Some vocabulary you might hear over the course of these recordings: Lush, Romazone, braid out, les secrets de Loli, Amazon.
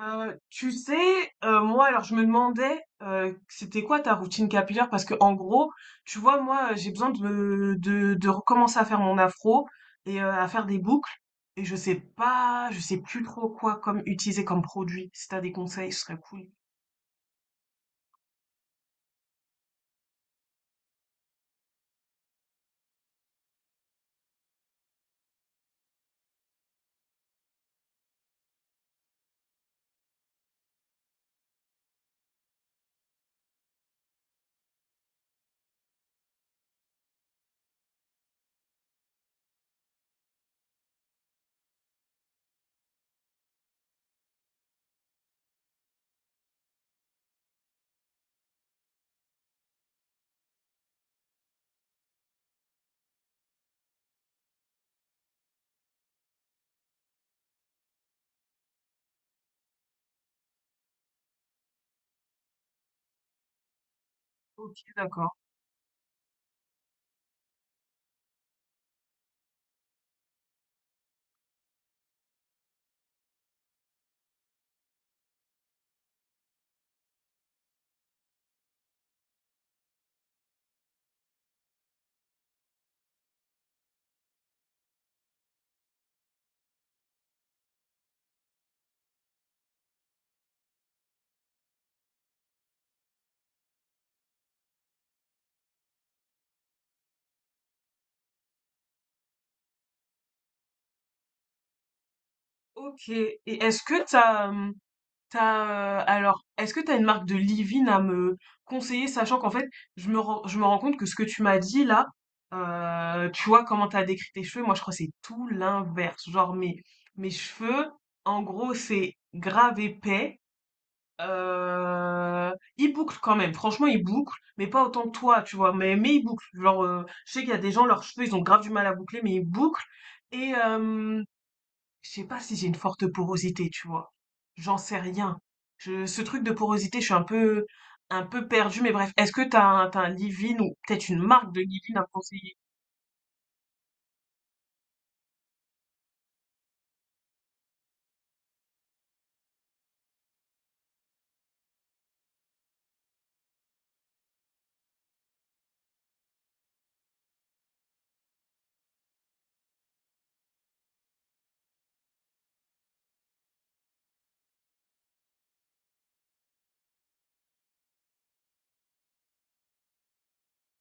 Tu sais, moi, alors je me demandais, c'était quoi ta routine capillaire? Parce que en gros, tu vois, moi, j'ai besoin de, de recommencer à faire mon afro et à faire des boucles. Et je sais pas, je sais plus trop quoi comme utiliser comme produit. Si t'as des conseils, ce serait cool. Ok, d'accord. Ok. Et est-ce que t'as, T'as, alors, est-ce que tu as une marque de leave-in à me conseiller, sachant qu'en fait, je me rends compte que ce que tu m'as dit là, tu vois comment tu as décrit tes cheveux, moi je crois que c'est tout l'inverse. Genre mes cheveux, en gros, c'est grave épais. Euh, Ils bouclent quand même, franchement ils bouclent, mais pas autant que toi, tu vois, mais ils bouclent. Genre, je sais qu'il y a des gens, leurs cheveux, ils ont grave du mal à boucler, mais ils bouclent. Et, je sais pas si j'ai une forte porosité, tu vois. J'en sais rien. Ce truc de porosité, je suis un peu perdue, mais bref. Est-ce que t'as un leave-in ou peut-être une marque de leave-in à me conseiller?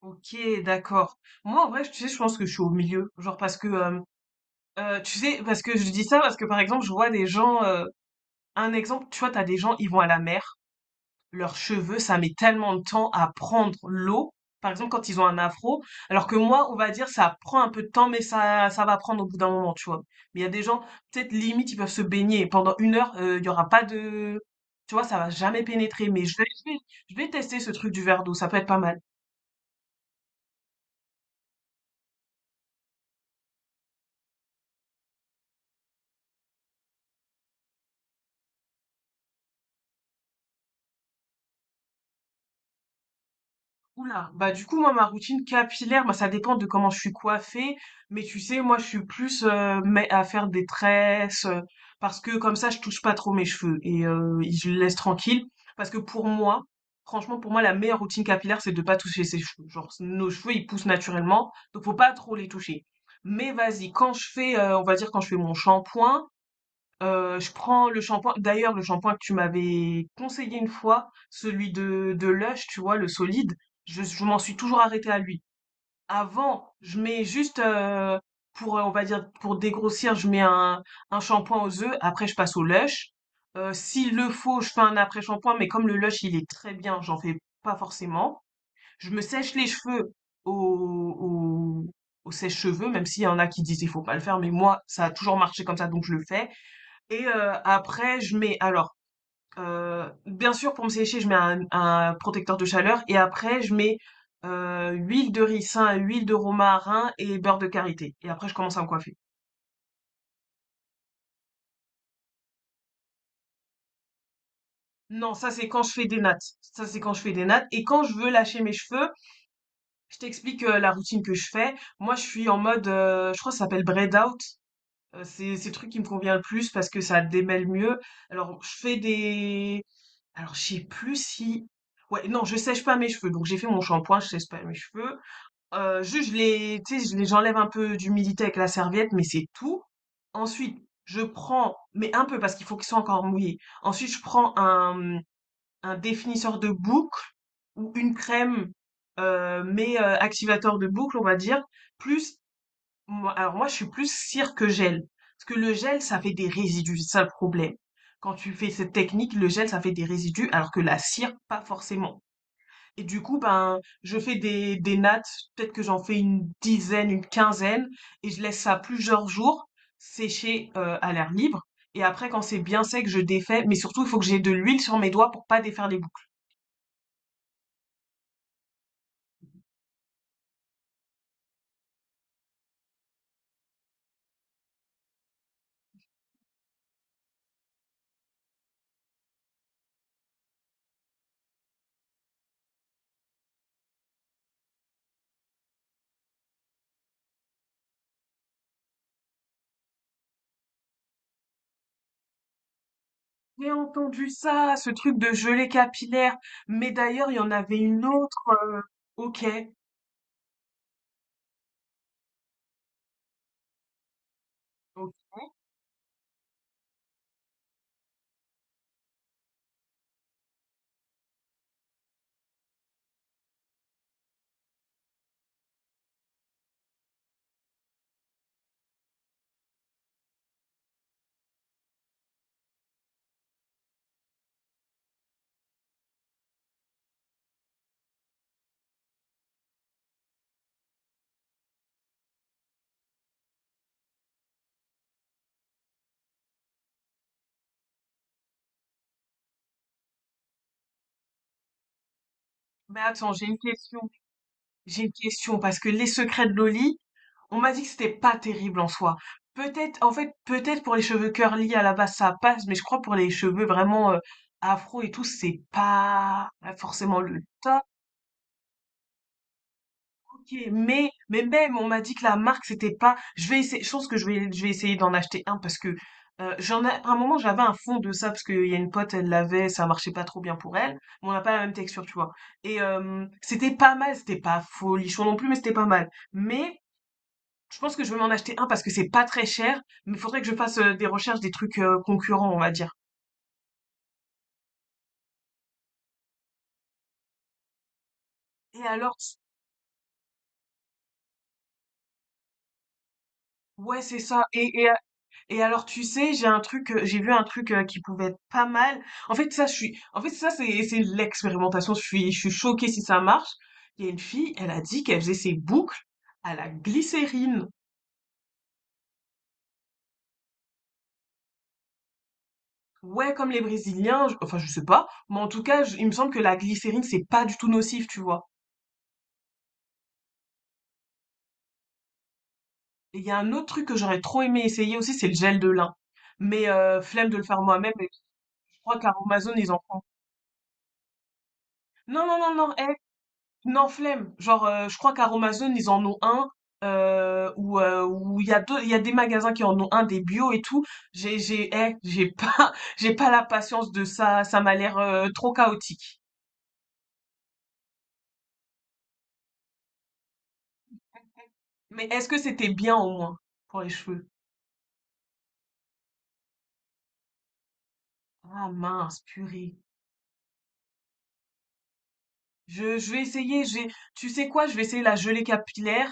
Ok, d'accord. Moi, en vrai, tu sais, je pense que je suis au milieu. Genre parce que, tu sais, parce que je dis ça parce que, par exemple, je vois des gens, un exemple, tu vois, t'as des gens, ils vont à la mer. Leurs cheveux, ça met tellement de temps à prendre l'eau. Par exemple, quand ils ont un afro, alors que moi, on va dire, ça prend un peu de temps, mais ça va prendre au bout d'un moment, tu vois. Mais il y a des gens, peut-être limite, ils peuvent se baigner et pendant une heure, il y aura pas de, tu vois, ça va jamais pénétrer. Mais je vais tester ce truc du verre d'eau, ça peut être pas mal. Oula, bah du coup moi ma routine capillaire, bah ça dépend de comment je suis coiffée, mais tu sais moi je suis plus mais à faire des tresses, parce que comme ça je touche pas trop mes cheveux et je les laisse tranquilles parce que pour moi, franchement pour moi la meilleure routine capillaire c'est de pas toucher ses cheveux. Genre nos cheveux ils poussent naturellement, donc faut pas trop les toucher. Mais vas-y, quand je fais on va dire quand je fais mon shampoing, je prends le shampoing. D'ailleurs, le shampoing que tu m'avais conseillé une fois, celui de Lush, tu vois, le solide, je m'en suis toujours arrêtée à lui. Avant, je mets juste pour, on va dire, pour dégrossir, je mets un shampoing aux œufs. Après, je passe au Lush. S'il le faut, je fais un après-shampoing, mais comme le Lush, il est très bien, j'en fais pas forcément. Je me sèche les cheveux au, au, au sèche-cheveux, même s'il y en a qui disent il faut pas le faire, mais moi, ça a toujours marché comme ça, donc je le fais. Et après, je mets alors, bien sûr, pour me sécher, je mets un protecteur de chaleur. Et après, je mets huile de ricin, huile de romarin et beurre de karité. Et après, je commence à me coiffer. Non, ça c'est quand je fais des nattes. Ça c'est quand je fais des nattes. Et quand je veux lâcher mes cheveux, je t'explique la routine que je fais. Moi, je suis en mode, je crois que ça s'appelle braid out. C'est le truc qui me convient le plus parce que ça démêle mieux. Alors, je fais des Alors, je sais plus si ouais, non, je sèche pas mes cheveux, donc j'ai fait mon shampoing, je sèche pas mes cheveux. Juste je les tu sais, je les j'enlève un peu d'humidité avec la serviette, mais c'est tout. Ensuite, je prends mais un peu parce qu'il faut qu'ils soient encore mouillés. Ensuite, je prends un définisseur de boucles ou une crème, mais activateur de boucles, on va dire, plus moi, alors moi, je suis plus cire que gel. Parce que le gel, ça fait des résidus, c'est ça le problème. Quand tu fais cette technique, le gel, ça fait des résidus, alors que la cire, pas forcément. Et du coup, ben, je fais des nattes, peut-être que j'en fais une dizaine, une quinzaine, et je laisse ça plusieurs jours sécher à l'air libre. Et après, quand c'est bien sec, je défais, mais surtout, il faut que j'ai de l'huile sur mes doigts pour pas défaire les boucles. J'ai entendu ça, ce truc de gelée capillaire. Mais d'ailleurs, il y en avait une autre. Ok. Ok. Mais attends, j'ai une question. J'ai une question parce que les secrets de Loli, on m'a dit que c'était pas terrible en soi. Peut-être, en fait, peut-être pour les cheveux curly à la base ça passe, mais je crois pour les cheveux vraiment afro et tout, c'est pas forcément le top. Ok, mais même, on m'a dit que la marque, c'était pas. Je vais essayer, je pense que je vais essayer d'en acheter un parce que j'en ai, à un moment, j'avais un fond de ça parce qu'il y a une pote, elle l'avait, ça marchait pas trop bien pour elle. Mais on n'a pas la même texture, tu vois. Et c'était pas mal, c'était pas folichon non plus, mais c'était pas mal. Mais je pense que je vais m'en acheter un parce que c'est pas très cher, mais il faudrait que je fasse des recherches des trucs concurrents, on va dire. Et alors, ouais, c'est ça. Et alors, tu sais, j'ai un truc, j'ai vu un truc qui pouvait être pas mal. En fait, ça, je suis, en fait, ça, c'est l'expérimentation. Je suis choquée si ça marche. Il y a une fille, elle a dit qu'elle faisait ses boucles à la glycérine. Ouais, comme les Brésiliens, enfin, je sais pas, mais en tout cas, il me semble que la glycérine, c'est pas du tout nocif, tu vois. Et il y a un autre truc que j'aurais trop aimé essayer aussi, c'est le gel de lin. Mais flemme de le faire moi-même, et je crois qu'à Amazon ils en font. Non, non, non, non, non, flemme. Genre, je crois qu'à Romazone, ils en ont un. Où il y a deux, il y a des magasins qui en ont un, des bio et tout. J'ai pas, j'ai pas la patience de ça. Ça m'a l'air trop chaotique. Mais est-ce que c'était bien au moins pour les cheveux? Ah mince, purée. Je vais essayer. Je vais, tu sais quoi? Je vais essayer la gelée capillaire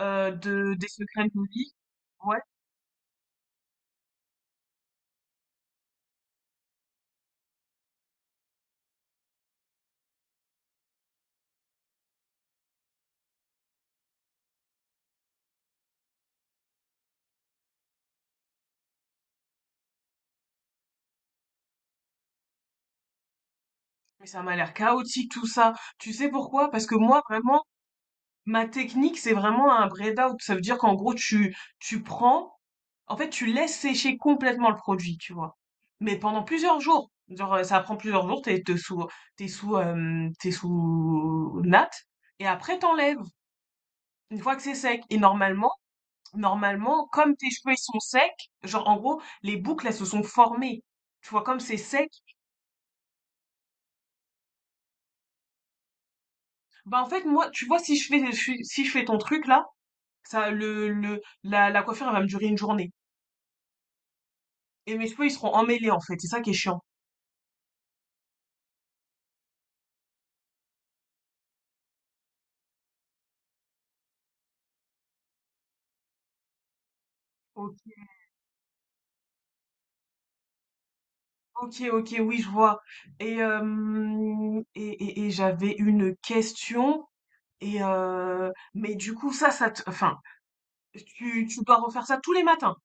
de des secrets de Molly. Ouais, mais ça m'a l'air chaotique tout ça. Tu sais pourquoi? Parce que moi, vraiment. Ma technique, c'est vraiment un braid out. Ça veut dire qu'en gros, tu prends, en fait, tu laisses sécher complètement le produit, tu vois. Mais pendant plusieurs jours. Genre, ça prend plusieurs jours, t'es sous natte. Et après, t'enlèves, une fois que c'est sec. Et normalement, comme tes cheveux, ils sont secs, genre, en gros, les boucles, elles se sont formées. Tu vois, comme c'est sec, bah, en fait, moi, tu vois, si je fais, si je fais ton truc, là, ça, la coiffure, elle va me durer une journée. Et mes cheveux, ils seront emmêlés, en fait. C'est ça qui est chiant. Ok, ok, ok, oui, je vois. Et j'avais une question. Et mais du coup, ça te, enfin, tu dois refaire ça tous les matins.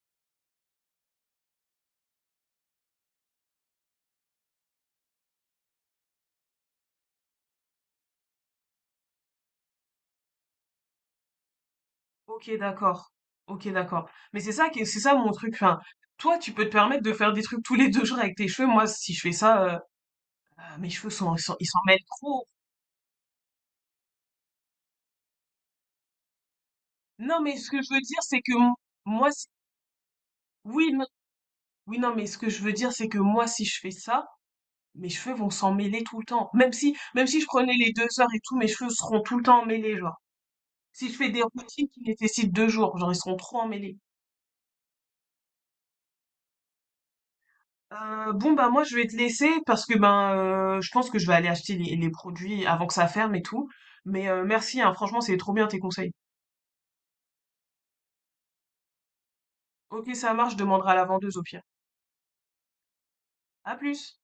Ok, d'accord. Ok, d'accord. Mais c'est ça qui, c'est ça mon truc. Enfin, toi, tu peux te permettre de faire des trucs tous les deux jours avec tes cheveux. Moi, si je fais ça, ah, mes cheveux sont, ils s'en mêlent trop. Non, mais ce que je veux dire, c'est que moi, oui, non, oui, non, mais ce que je veux dire, c'est que moi, si je fais ça, mes cheveux vont s'en mêler tout le temps. Même si je prenais les deux heures et tout, mes cheveux seront tout le temps emmêlés, genre. Si je fais des routines qui nécessitent deux jours, genre, ils seront trop emmêlés. Bon, bah, moi, je vais te laisser parce que, ben, je pense que je vais aller acheter les produits avant que ça ferme et tout. Mais merci, hein, franchement, c'est trop bien tes conseils. Ok, ça marche, je demanderai à la vendeuse au pire. À plus!